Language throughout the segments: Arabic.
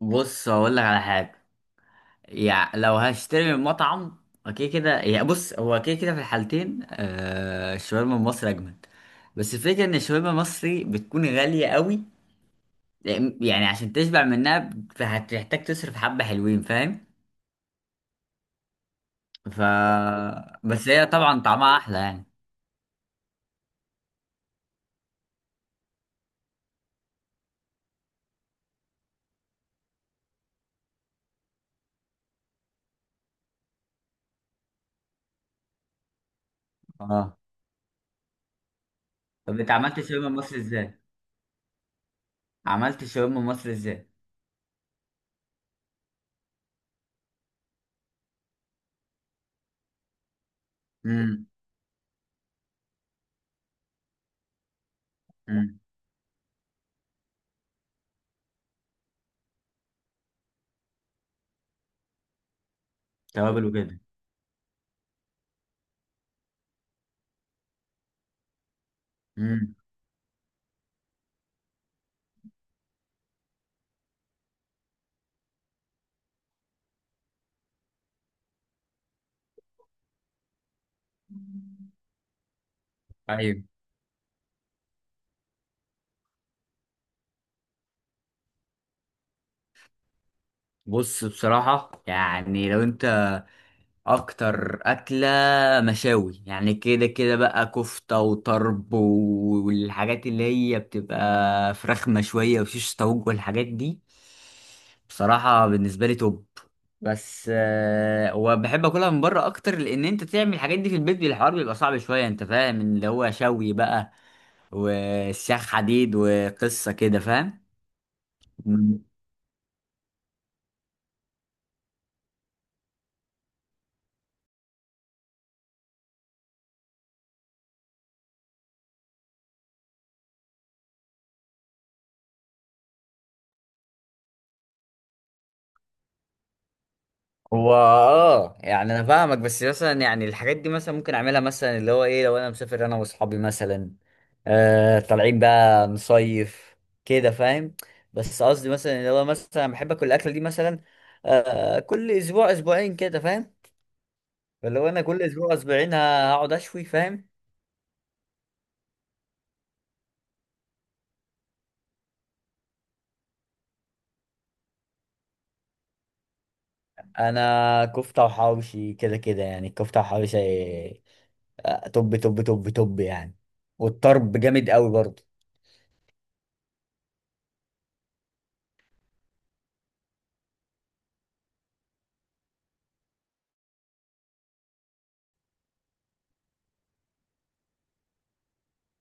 بص هقول لك على حاجه. يعني لو هشتري من مطعم اوكي كده، يعني بص، هو كده كده في الحالتين، الشاورما المصري اجمد. بس الفكره ان الشاورما المصري بتكون غاليه قوي، يعني عشان تشبع منها هتحتاج تصرف حبه حلوين، فاهم؟ ف بس هي طبعا طعمها احلى يعني. اه. طب انت عملت الشاورما المصري ازاي؟ عملت الشاورما المصري ازاي؟ امم امم توابل وكده. امم طيب، بص بصراحه يعني لو انت، اكتر اكله مشاوي يعني، كده كده بقى كفته وطرب والحاجات اللي هي بتبقى فراخ مشويه وشيش طاووق والحاجات دي. بصراحه بالنسبه لي توب. بس وبحب اكلها من بره اكتر، لان انت تعمل الحاجات دي في البيت الحوار بيبقى صعب شويه، انت فاهم اللي هو شوي بقى والسياخ حديد وقصه كده، فاهم؟ هو اه يعني انا فاهمك، بس مثلا يعني الحاجات دي مثلا ممكن اعملها مثلا اللي هو ايه لو انا مسافر انا واصحابي مثلا، طالعين بقى نصيف كده، فاهم؟ بس قصدي مثلا اللي هو مثلا بحب اكل الاكله دي مثلا، كل اسبوع اسبوعين كده، فاهم؟ فاللي هو انا كل اسبوع اسبوعين هقعد اشوي، فاهم؟ انا كفته وحواوشي كده كده يعني، الكفته وحواوشي توب توب توب توب يعني. والطرب جامد قوي برضه.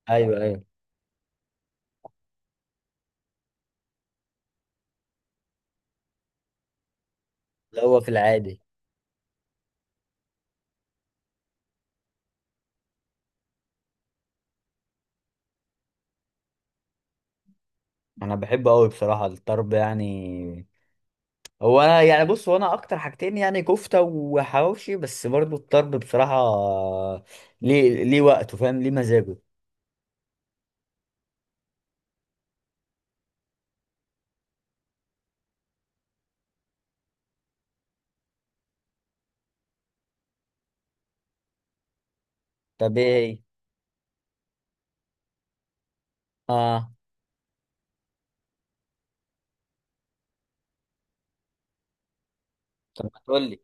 ايوه ايوه، اللي هو في العادي. انا بحبه قوي بصراحه الطرب يعني. هو انا يعني بص، هو انا اكتر حاجتين يعني كفته وحواوشي، بس برضو الطرب بصراحه ليه وقته، فاهم؟ ليه مزاجه. طب ايه ايه؟ اه. طب ما تقول لي.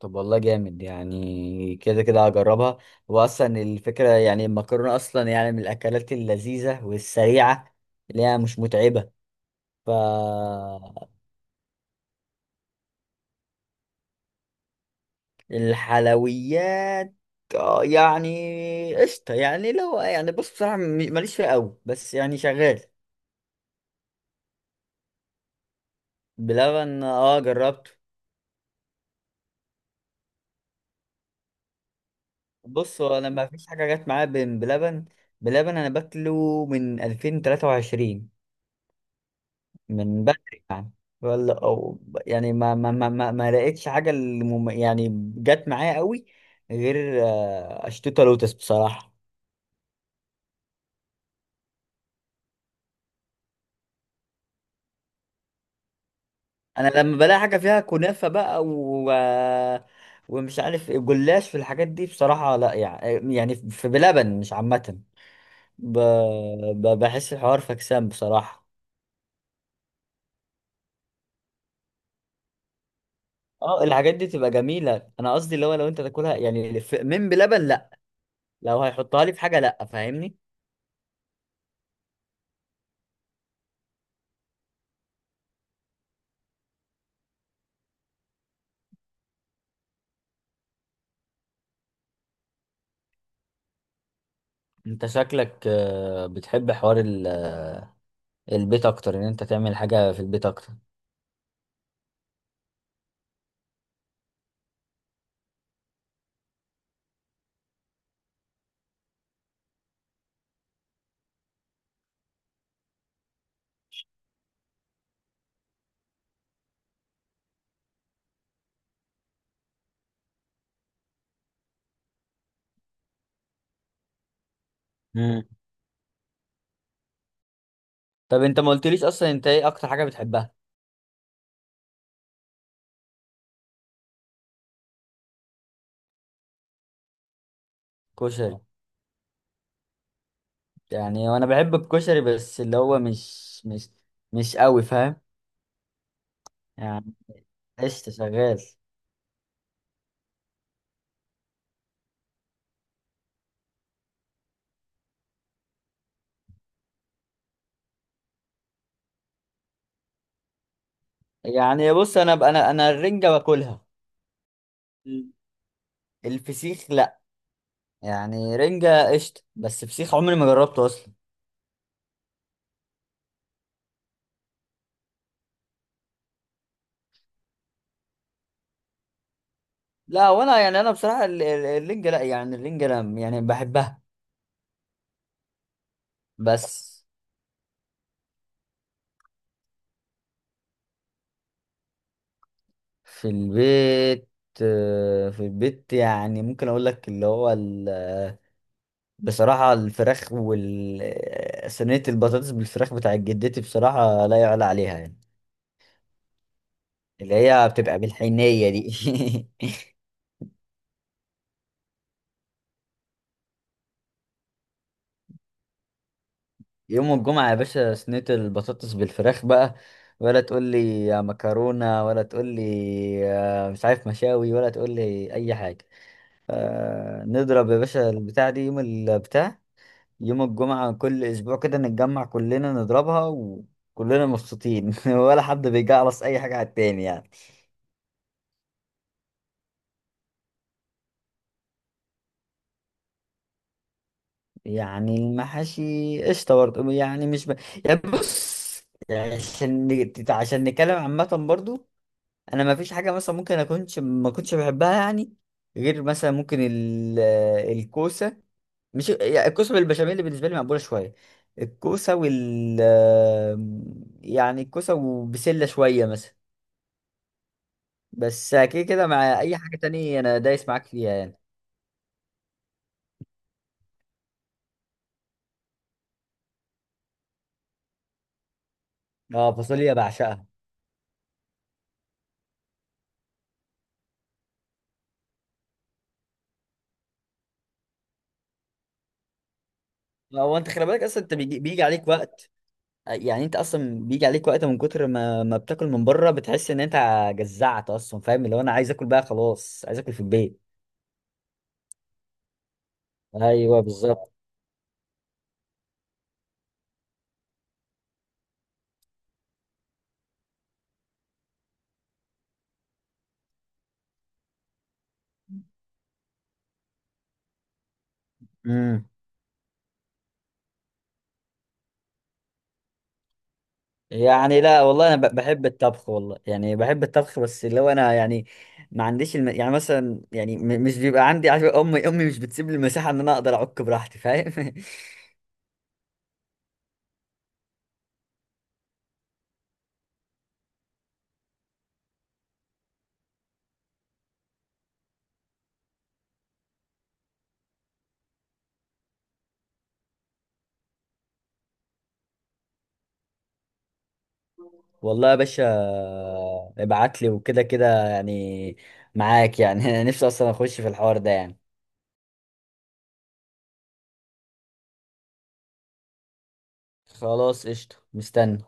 طب والله جامد، يعني كده كده هجربها. واصلا الفكره يعني المكرونه اصلا يعني من الاكلات اللذيذه والسريعه، اللي هي مش متعبه. ف الحلويات، يعني قشطة، يعني لو يعني بص بصراحة ماليش فيها قوي بس يعني شغال. بلبن، اه جربته. بص هو انا ما فيش حاجة جت معايا بين بلبن. بلبن انا باكله من 2023. من بعد ولا او يعني ما لقيتش حاجة اللي يعني جت معايا قوي، غير اشتوتة لوتس بصراحة. انا لما بلاقي حاجه فيها كنافه بقى و... ومش عارف إيه، جلاش في الحاجات دي بصراحه لا يعني، يعني في بلبن مش عامه. ب... بحس الحوار فكسان بصراحه. اه الحاجات دي تبقى جميله، انا قصدي اللي هو لو انت تاكلها يعني في... من بلبن لا، لو هيحطها لي في حاجه لا، فاهمني؟ انت شكلك بتحب حوار ال... البيت اكتر، ان انت تعمل حاجه في البيت اكتر. مم. طب انت ما قلتليش اصلا انت ايه اكتر حاجه بتحبها؟ كشري، يعني وانا بحب الكشري بس اللي هو مش مش قوي، فاهم؟ يعني قشطة شغال. يعني بص انا الرنجة باكلها. مم. الفسيخ لا، يعني رنجة قشطة بس فسيخ عمري ما جربته اصلا. لا وانا يعني انا بصراحة الرنجة لا يعني الرنجة لا يعني بحبها. بس في البيت، في البيت يعني ممكن اقول لك اللي هو بصراحة الفراخ وال صينية البطاطس بالفراخ بتاعت جدتي بصراحة لا يعلى عليها يعني، اللي هي بتبقى بالحنية دي. يوم الجمعة يا باشا صينية البطاطس بالفراخ بقى، ولا تقول لي يا مكرونة، ولا تقول لي يا مش عارف مشاوي، ولا تقول لي أي حاجة. نضرب يا باشا البتاع دي يوم البتاع، يوم الجمعة كل أسبوع كده نتجمع كلنا نضربها وكلنا مبسوطين، ولا حد بيجعلص أي حاجة على التاني يعني. يعني المحاشي قشطة برضه، يعني مش ب... يعني بص يعني عشان نتكلم عامة برضه، أنا ما فيش حاجة مثلا ممكن أكونش ما كنتش بحبها يعني، غير مثلا ممكن ال... الكوسة. مش يعني الكوسة بالبشاميل اللي بالنسبة لي مقبولة شوية، الكوسة وال... يعني الكوسة وبسلة شوية مثلا. بس كده كده مع أي حاجة تانية أنا دايس معاك فيها يعني. اه فاصوليا بعشقها. هو انت خلي بالك اصلا انت بيجي عليك وقت، يعني انت اصلا بيجي عليك وقت من كتر ما بتاكل من بره بتحس ان انت جزعت اصلا، فاهم؟ اللي هو انا عايز اكل بقى خلاص، عايز اكل في البيت. ايوه بالظبط. امم يعني لا والله انا بحب الطبخ والله، يعني بحب الطبخ، بس اللي هو انا يعني ما عنديش يعني مثلا يعني مش بيبقى عندي، عارف امي امي مش بتسيب لي المساحه ان انا اقدر اعك براحتي، فاهم؟ والله يا باشا ابعت لي وكده كده يعني، معاك يعني. انا نفسي اصلا اخش في الحوار ده يعني. خلاص قشطه، مستني.